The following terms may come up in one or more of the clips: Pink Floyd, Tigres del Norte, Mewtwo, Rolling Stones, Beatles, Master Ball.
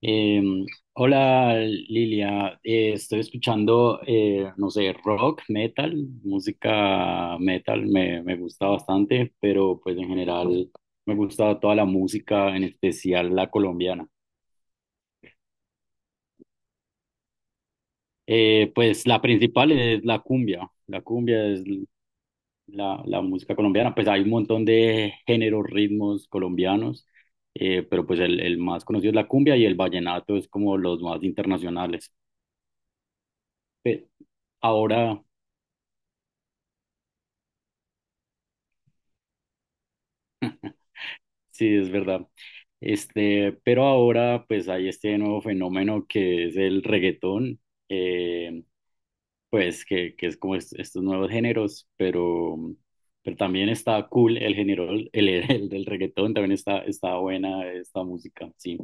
Eh, Hola Lilia. Estoy escuchando, no sé, rock, metal, música metal me gusta bastante, pero pues en general me gusta toda la música, en especial la colombiana. Pues la principal es la cumbia es la música colombiana, pues hay un montón de géneros, ritmos colombianos, pero pues el más conocido es la cumbia y el vallenato es como los más internacionales. Pe- Ahora... Sí, es verdad. Este, pero ahora pues hay este nuevo fenómeno que es el reggaetón, eh, pues que es como estos nuevos géneros, pero también está cool el género, el del reggaetón, también está, está buena esta música, sí.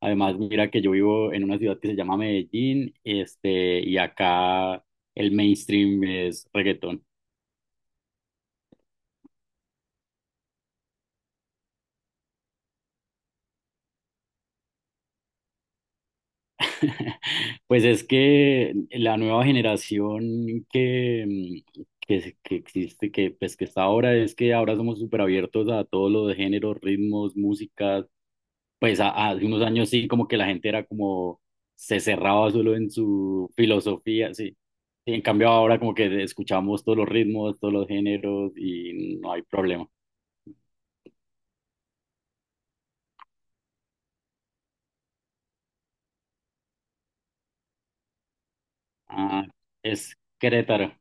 Además, mira que yo vivo en una ciudad que se llama Medellín, este, y acá el mainstream es reggaetón. Pues es que la nueva generación que existe, que está ahora, es que ahora somos súper abiertos a todos los géneros, ritmos, músicas. Pues hace unos años sí, como que la gente era como, se cerraba solo en su filosofía, sí. Y en cambio ahora como que escuchamos todos los ritmos, todos los géneros y no hay problema. Ah, es Querétaro.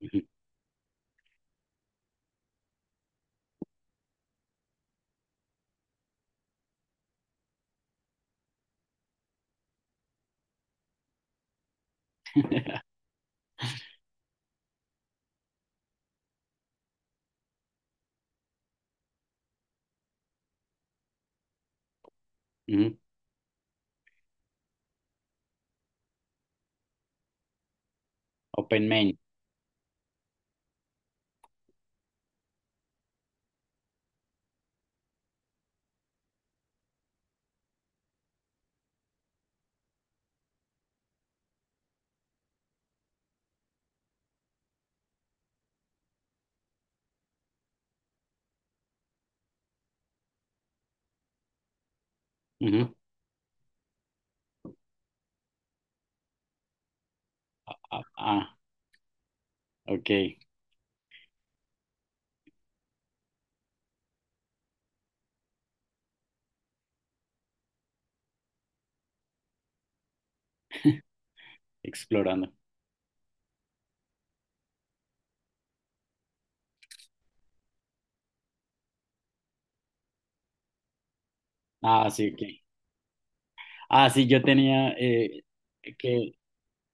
Ujú, ujú. Open Main. Ujú. Ah, ah, ok. Explorando. Ah, sí, ok. Ah, sí, yo tenía que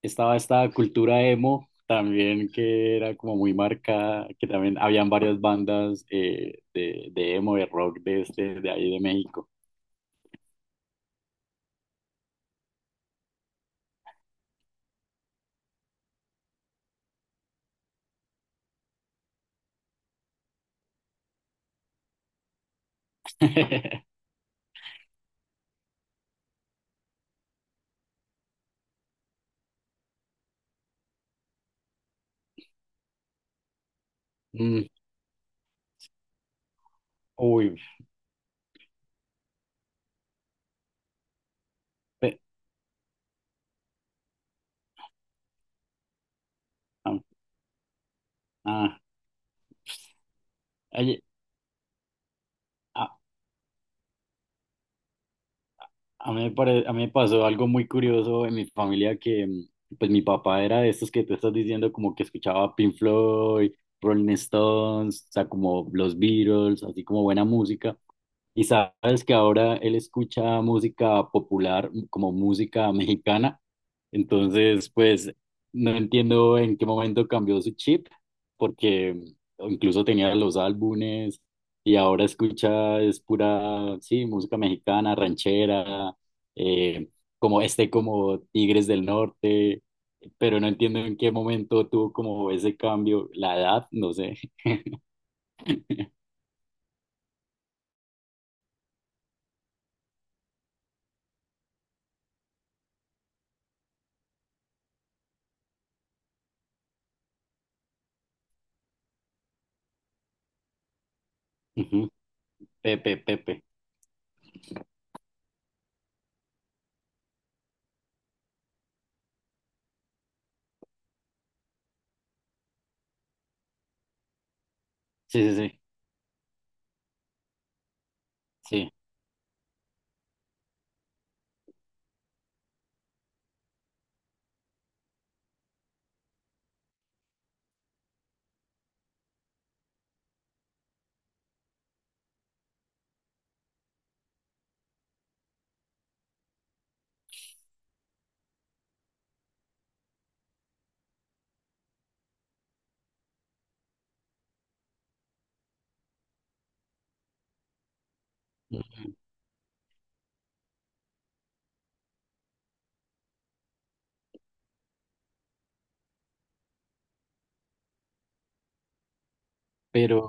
estaba esta cultura emo también que era como muy marcada, que también habían varias bandas de emo, de rock de este, de ahí de México. Mm, uy, pe- ah, ah, oye, ah, a mí me pasó algo muy curioso en mi familia que, pues mi papá era de estos que tú estás diciendo, como que escuchaba Pink Floyd, Rolling Stones, o sea, como los Beatles, así como buena música. Y sabes que ahora él escucha música popular, como música mexicana. Entonces, pues no entiendo en qué momento cambió su chip, porque incluso tenía los álbumes y ahora escucha es pura, sí, música mexicana, ranchera eh, como este como Tigres del Norte, pero no entiendo en qué momento tuvo como ese cambio, la edad, no sé. Ujú, Pepe, Pepe. Sí, sí, sí, sí. Pero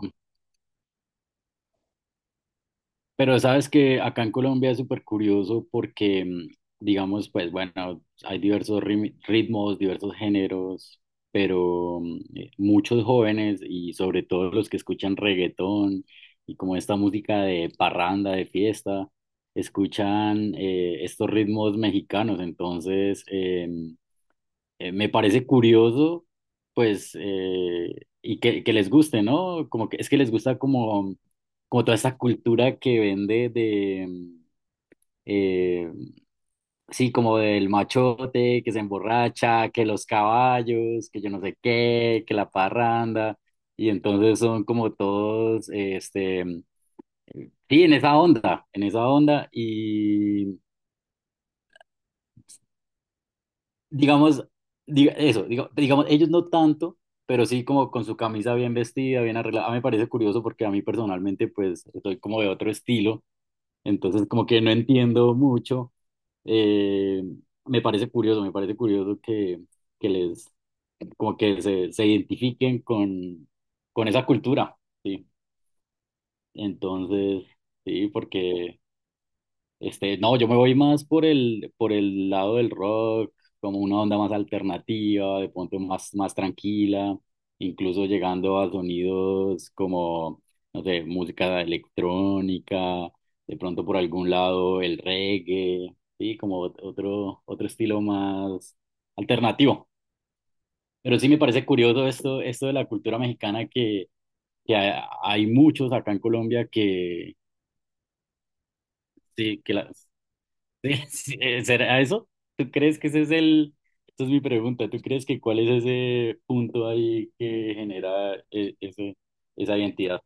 Pero sabes que acá en Colombia es súper curioso porque, digamos, pues bueno, hay diversos ritmos, diversos géneros, pero muchos jóvenes y sobre todo los que escuchan reggaetón y como esta música de parranda, de fiesta, escuchan estos ritmos mexicanos. Entonces, me parece curioso, pues, eh, y que les guste, ¿no? Como que es que les gusta como, como toda esta cultura que vende de, eh, sí, como del machote, que se emborracha, que los caballos, que yo no sé qué, que la parranda, y entonces son como todos, este, sí, en esa onda, y digamos, digamos, ellos no tanto, pero sí como con su camisa bien vestida, bien arreglada. A mí me parece curioso porque a mí personalmente, pues, soy como de otro estilo, entonces como que no entiendo mucho. Eh, Me parece curioso, me parece curioso que, como que se identifiquen con esa cultura, ¿sí? Entonces, sí, porque... Este, no, yo me voy más por el lado del rock, como una onda más alternativa, de pronto más, más tranquila, incluso llegando a sonidos como, no sé, música electrónica, de pronto por algún lado el reggae, sí, como otro, otro estilo más alternativo. Pero sí me parece curioso esto, esto de la cultura mexicana que, hay muchos acá en Colombia que, sí, Sí, sí, ¿será eso? ¿Tú crees que ese es el... Esa es mi pregunta. ¿Tú crees que cuál es ese punto ahí que genera ese, esa identidad?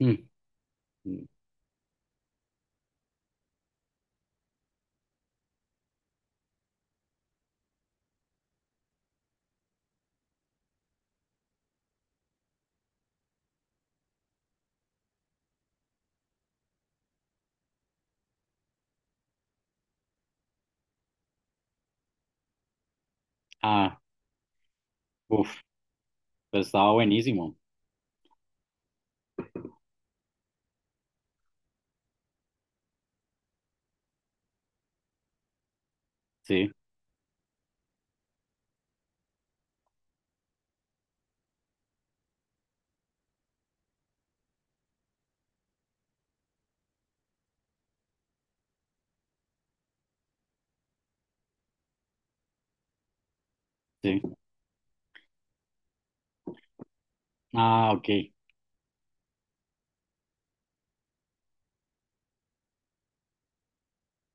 Mm, mm. Ah, uff, pues estaba buenísimo. Sí, sí. Ah, ok.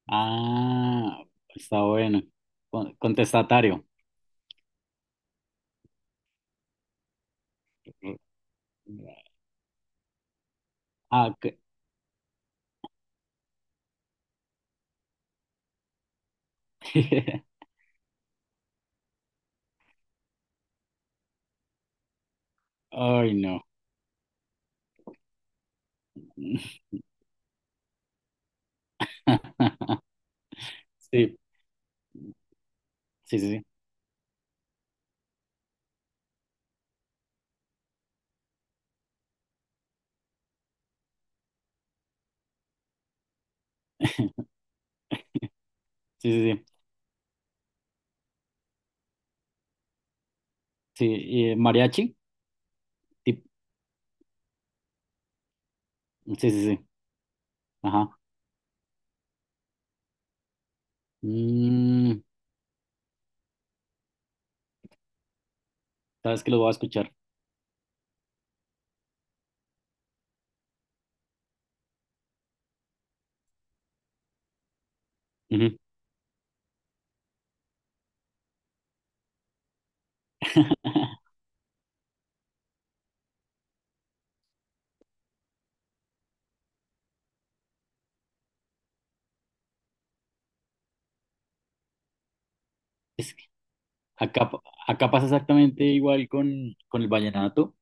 Ah, está bueno. Con- Contestatario. Ah, ok. Ay, no. Sí, sí, sí, sí. Sí, sí, sí. Sí, y, mariachi. Tip- Sí, sí, sí. Ajá. Mm, sabes que lo voy a escuchar. Ujú. Es que acá, acá pasa exactamente igual con el vallenato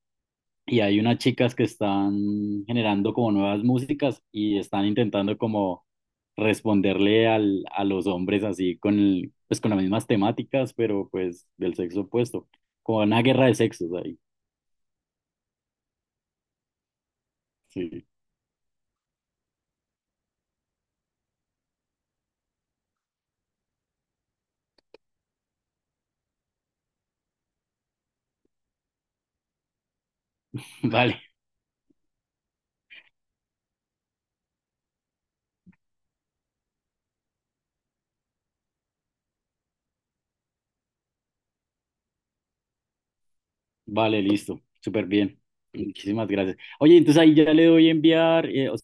y hay unas chicas que están generando como nuevas músicas y están intentando como responderle al, a los hombres así con, pues con las mismas temáticas, pero pues del sexo opuesto, como una guerra de sexos ahí. Sí. Vale, vale, listo, súper bien. Muchísimas gracias. Oye, entonces ahí ya le doy enviar, o